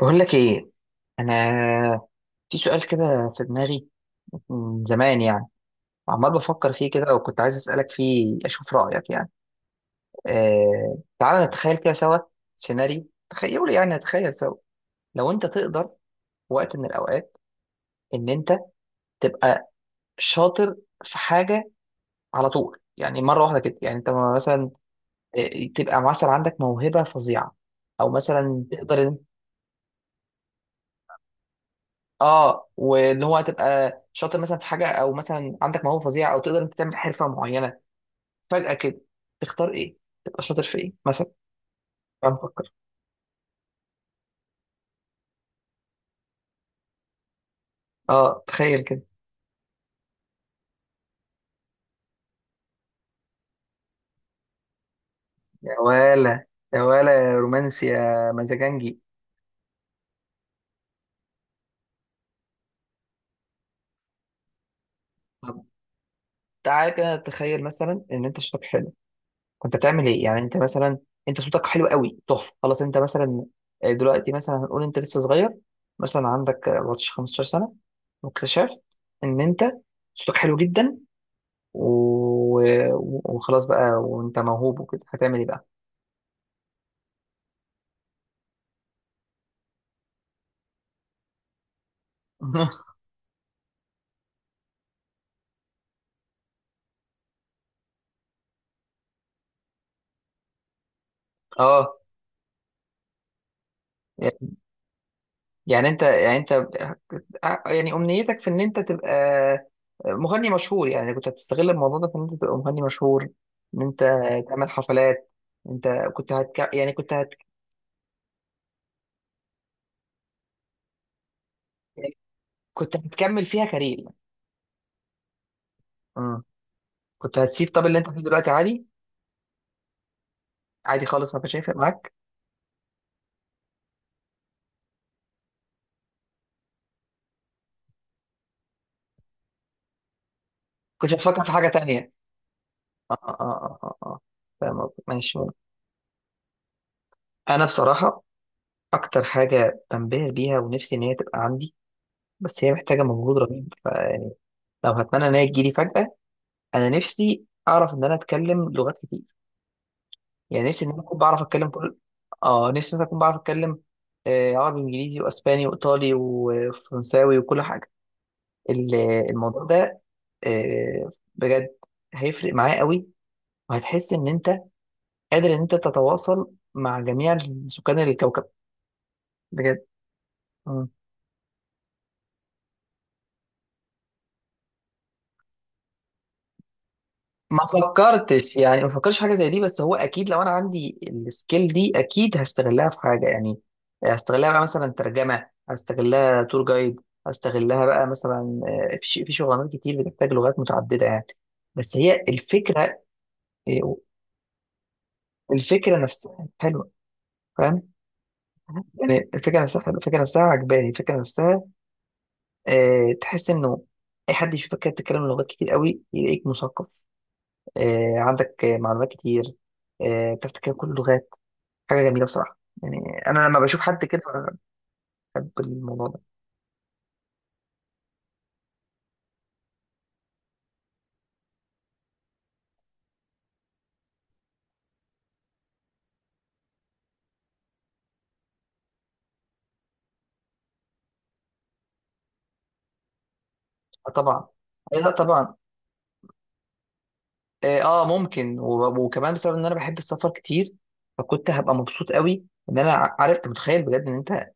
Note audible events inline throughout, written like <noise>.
بقول لك ايه. انا في سؤال كده في دماغي من زمان يعني، عمال بفكر فيه كده وكنت عايز اسالك فيه اشوف رايك يعني. تعال نتخيل كده سوا، سيناريو تخيلوا يعني نتخيل سوا. لو انت تقدر في وقت من الاوقات ان انت تبقى شاطر في حاجه على طول، يعني مره واحده كده، يعني انت مثلا آه، تبقى مثلا عندك موهبه فظيعه او مثلا تقدر. اه واللي هو هتبقى شاطر مثلا في حاجه او مثلا عندك موهبه فظيعه او تقدر انت تعمل حرفه معينه فجاه كده. تختار ايه؟ تبقى شاطر في ايه مثلا؟ تعال نفكر. اه تخيل كده. يا ولا، يا ولا يا رومانسي يا مزاجنجي. طب تعالى كده تخيل مثلا ان انت صوتك حلو. كنت بتعمل ايه يعني؟ انت مثلا انت صوتك حلو قوي تحفه خلاص انت مثلا دلوقتي مثلا هنقول انت لسه صغير، مثلا عندك 14 15 سنه، واكتشفت ان انت صوتك حلو جدا و- وخلاص بقى وانت موهوب وكده، هتعمل ايه بقى؟ <laughs> اه يعني انت اه، يعني امنيتك في ان انت تبقى مغني مشهور؟ يعني كنت هتستغل الموضوع ده في ان انت تبقى مغني مشهور، ان انت تعمل حفلات؟ انت كنت هتك... يعني كنت هت... كنت هتكمل فيها كارير؟ امم كنت هتسيب طب اللي انت فيه دلوقتي عادي؟ عادي خالص ما كانش هيفرق معاك؟ كنت هتفكر في حاجة تانية؟ اه اه اه اه اه، فاهم قصدك. ماشي. انا بصراحة أكتر حاجة بنبهر بيها ونفسي إن هي تبقى عندي، بس هي محتاجة مجهود رهيب فيعني لو هتمنى إن هي تجيلي فجأة، أنا نفسي أعرف إن أنا أتكلم لغات كتير. يعني نفسي إن أنا أكون بعرف أتكلم كل، آه نفسي إن أنا أكون بعرف أتكلم عربي وإنجليزي وأسباني وإيطالي وفرنساوي وكل حاجة. ال- الموضوع ده بجد هيفرق معايا قوي، وهتحس إن أنت قادر إن أنت تتواصل مع جميع سكان الكوكب بجد. ما فكرتش يعني، ما فكرتش في حاجه زي دي، بس هو اكيد لو انا عندي السكيل دي اكيد هستغلها في حاجه يعني. هستغلها بقى مثلا ترجمه، هستغلها تور جايد، هستغلها بقى مثلا في في شغلانات كتير بتحتاج لغات متعدده يعني. بس هي الفكره آه، الفكره نفسها حلوه، فاهم؟ يعني الفكره نفسها حلوة، الفكره نفسها عجباني، الفكره نفسها تحس انه اي حد يشوفك كده بتتكلم لغات كتير قوي يلاقيك مثقف، عندك معلومات كتير، بتعرف تتكلم كل اللغات. حاجه جميله بصراحه، يعني انا لما بشوف حد كده بحب الموضوع ده. آه طبعا. آه لا طبعا اه، ممكن وب- وكمان بسبب ان انا بحب السفر كتير، فكنت هبقى مبسوط قوي ان انا عارف انت متخيل بجد ان انت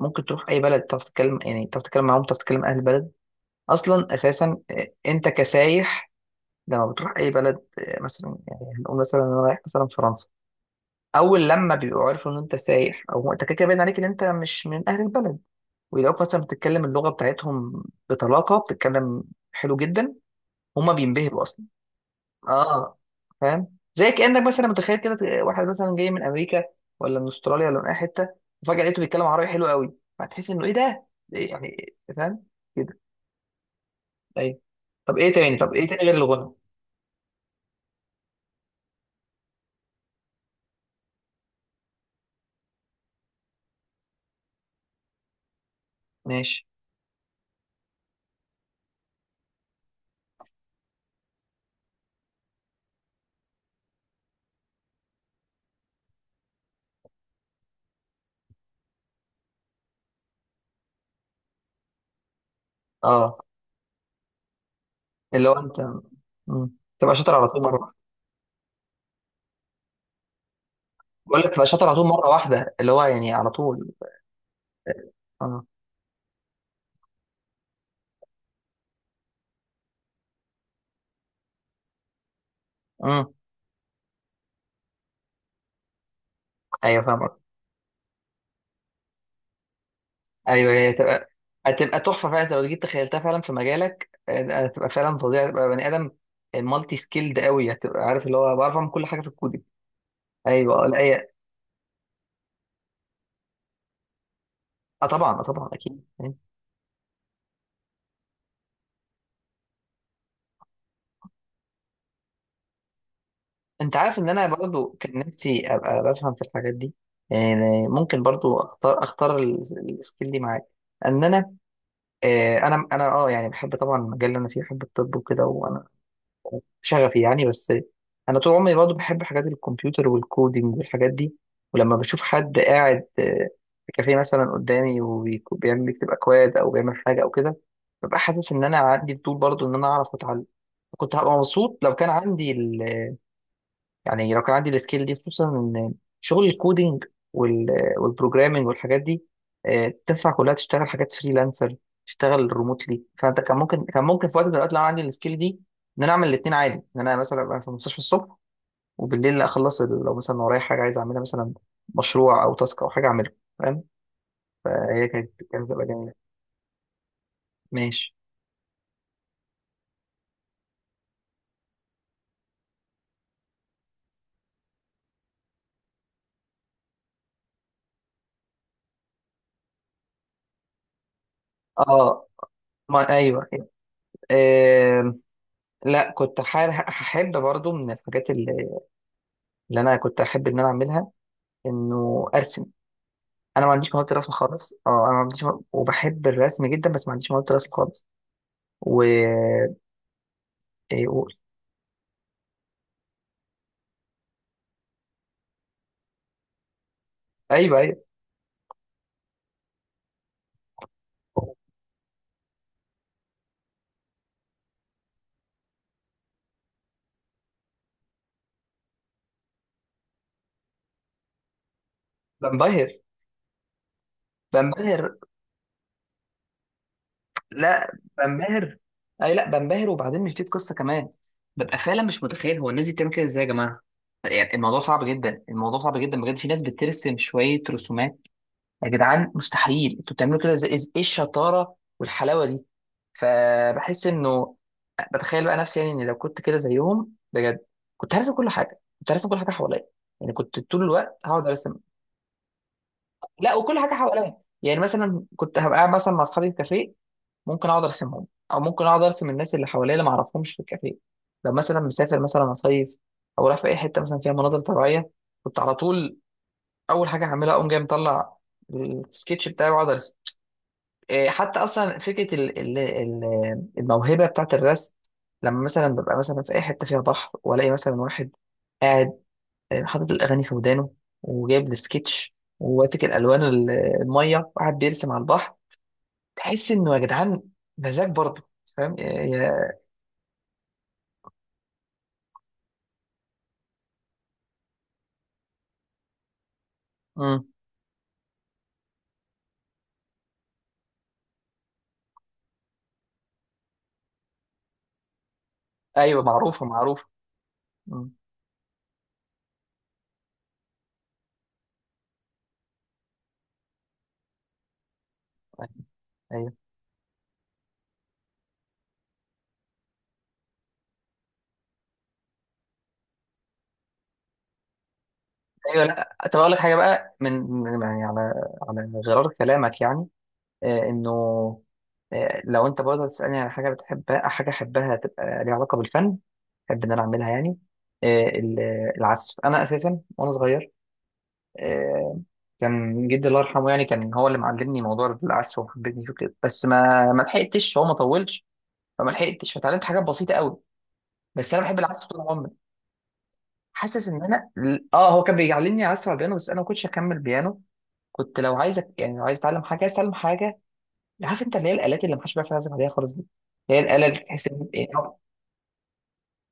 ممكن تروح اي بلد تعرف تتكلم، يعني تعرف تتكلم معاهم، تعرف تتكلم اهل البلد اصلا اساسا. انت كسايح لما بتروح اي بلد مثلا، يعني هنقول مثلا انا رايح مثلا فرنسا، اول لما بيبقوا عارفوا ان انت سايح او انت كده كده باين عليك ان انت مش من اهل البلد، ولو مثلا بتتكلم اللغه بتاعتهم بطلاقه بتتكلم، حلو جدا، هما بينبهروا اصلا. اه فاهم؟ زي كانك مثلا متخيل كده واحد مثلا جاي من امريكا ولا من استراليا ولا من اي حته، وفجاه لقيته بيتكلم عربي حلو قوي، هتحس انه ايه ده. إيه يعني، فاهم كده؟ ايوه. طب ايه تاني؟ طب ايه تاني غير الغنى؟ ماشي. اه اللي هو انت مم. تبقى شاطر على طول مره واحدة. بقول لك تبقى شاطر على طول مره واحده اللي هو يعني على طول. اه. امم ايوه فاهم. ايوه هي هتبقى، هتبقى تحفه فعلا. أنت لو جيت تخيلتها فعلا في مجالك هتبقى فعلا فظيعه، هتبقى بني ادم مالتي سكيلد قوي، هتبقى عارف اللي هو بعرف اعمل كل حاجه في الكودينج. ايوه لا هي. اه طبعا، اه طبعا اكيد يعني. انت عارف ان انا برضو كان نفسي ابقى بفهم في الحاجات دي، يعني ممكن برضو اختار السكيل دي معاك، ان انا انا انا يعني بحب طبعا المجال اللي انا فيه، بحب الطب وكده، شغفي يعني، بس انا طول عمري برضه بحب حاجات الكمبيوتر والكودينج والحاجات دي. ولما بشوف حد قاعد في كافيه مثلا قدامي وبيعمل بيكتب اكواد او بيعمل حاجه او كده، ببقى حاسس ان انا عندي فضول برضه ان انا اعرف اتعلم. كنت هبقى مبسوط لو كان عندي، يعني لو كان عندي السكيل دي، خصوصا ان شغل الكودينج وال- والبروجرامينج والحاجات دي تنفع كلها تشتغل حاجات فريلانسر، تشتغل ريموتلي، فانت كان ممكن في وقت من الاوقات لو أنا عندي السكيل دي ان انا اعمل الاثنين عادي، ان انا مثلا ابقى في المستشفى الصبح وبالليل اخلص لو مثلا ورايا حاجه عايز اعملها، مثلا مشروع او تاسك او حاجه اعملها، فاهم؟ فهي كانت تبقى جميله. ماشي. اه ما ايوه، آه لا كنت حابب احب برضو من الحاجات اللي انا كنت احب ان انا اعملها انه ارسم. انا ما عنديش مهاره الرسم خالص. اه انا ما عنديش وبحب الرسم جدا بس ما عنديش مهاره الرسم خالص. و إيه اقول. ايوه ايوه بنبهر، بنبهر. لا بنبهر، اي لا بنبهر، وبعدين مش دي القصه كمان. ببقى فعلا مش متخيل هو الناس دي بتعمل كده ازاي يا جماعه. يعني الموضوع صعب جدا، الموضوع صعب جدا بجد، في ناس بترسم شويه رسومات، يا جدعان مستحيل انتوا بتعملوا كده ازاي؟ ايه الشطاره والحلاوه دي؟ فبحس انه، بتخيل بقى نفسي يعني ان لو كنت كده زيهم بجد، كنت هرسم كل حاجه، كنت هرسم كل حاجه حواليا، يعني كنت طول الوقت هقعد ارسم. لا وكل حاجه حواليا. يعني مثلا كنت هبقى قاعد مثلا مع اصحابي في كافيه ممكن اقعد ارسمهم، او ممكن اقعد ارسم الناس اللي حواليا اللي ما اعرفهمش في الكافيه. لو مثلا مسافر مثلا اصيف او رايح في اي حته مثلا فيها مناظر طبيعيه، كنت على طول اول حاجه هعملها اقوم جاي مطلع السكتش بتاعي واقعد ارسم. إيه، حتى اصلا فكره الموهبه بتاعت الرسم، لما مثلا ببقى مثلا في اي حته فيها بحر والاقي مثلا واحد قاعد حاطط الاغاني في ودانه وجايب السكتش وماسك الالوان الميه وقاعد بيرسم على البحر، تحس انه يا جدعان مزاج برضه. فاهم إيه، يا، مم. ايوه معروفه معروفه. مم. ايوه ايوه. لا طب اقول لك حاجه بقى يعني على على غرار كلامك يعني انه لو انت برضه تسألني على حاجة بتحبها، حاجة احبها تبقى ليها علاقة بالفن، احب ان انا اعملها يعني، آه، ال- العزف. انا اساسا وانا صغير آه، كان جدي الله يرحمه يعني كان هو اللي معلمني موضوع العزف وحببني فيه كده، بس ما لحقتش، هو ما طولش، فما لحقتش فتعلمت حاجات بسيطة قوي، بس انا بحب العزف طول عمري. حاسس ان انا، اه هو كان بيعلمني عزف على البيانو بس انا ما كنتش اكمل بيانو. كنت لو عايزك يعني لو عايز اتعلم حاجة عايز اتعلم حاجة، عارف انت اللي هي الالات اللي محدش بيعرف يعزف عليها خالص دي، اللي هي الاله اللي تحس ان إيه؟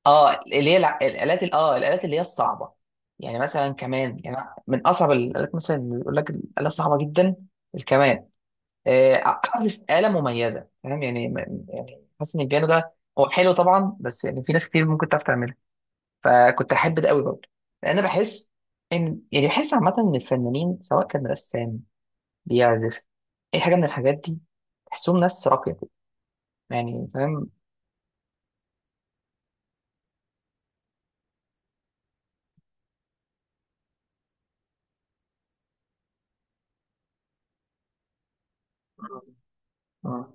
اه اللي هي الالات الالات اللي هي الصعبه يعني، مثلا كمان يعني من اصعب الالات مثلا اللي يقول لك الاله صعبه جدا، الكمان. اعزف اله مميزه، فاهم يعني؟ يعني حاسس ان البيانو ده هو حلو طبعا بس يعني في ناس كتير ممكن تعرف تعملها، فكنت احب ده قوي برضه، لان بحس ان، يعني بحس عامه ان الفنانين سواء كان رسام، بيعزف، اي حاجه من الحاجات دي، تحسهم ناس راقيه كده. يعني فاهم. اه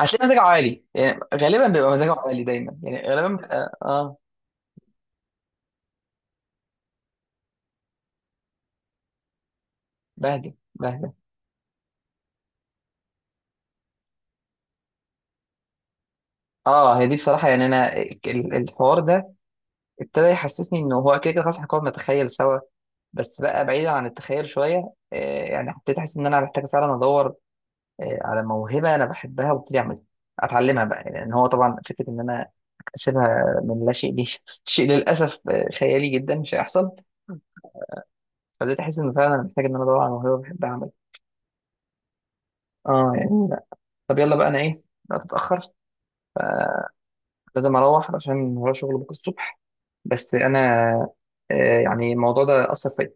هتلاقي مزاجه عالي يعني، غالبا بيبقى مزاجه عالي دايما يعني، غالبا بيبقى اه. بهدى بهدى. اه هي دي بصراحه، يعني انا الحوار ده ابتدى يحسسني انه هو كده كده خلاص، احنا كنا بنتخيل سوا، بس بقى بعيدا عن التخيل شويه آه، يعني ابتديت احس ان انا محتاج فعلا ادور على موهبه انا بحبها وابتدي اعملها، اتعلمها بقى، لان يعني ان هو طبعا فكره ان انا اسيبها من لا شيء دي <laughs> شيء للاسف خيالي جدا مش هيحصل. فبدأت احس ان فعلا محتاج ان انا ادور على موهبه بحبها اعملها. اه يعني طب يلا بقى، انا ايه بقى، تتاخر، لازم اروح عشان ورايا شغل بكره الصبح. بس انا يعني الموضوع ده اثر فيا،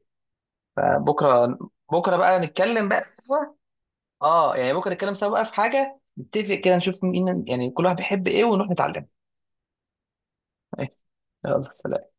فبكره، بكره بقى نتكلم بقى سوا. اه يعني بكره نتكلم سوا بقى، في حاجه نتفق كده نشوف مين يعني كل واحد بيحب ايه ونروح نتعلم. <laughs> يلا سلام.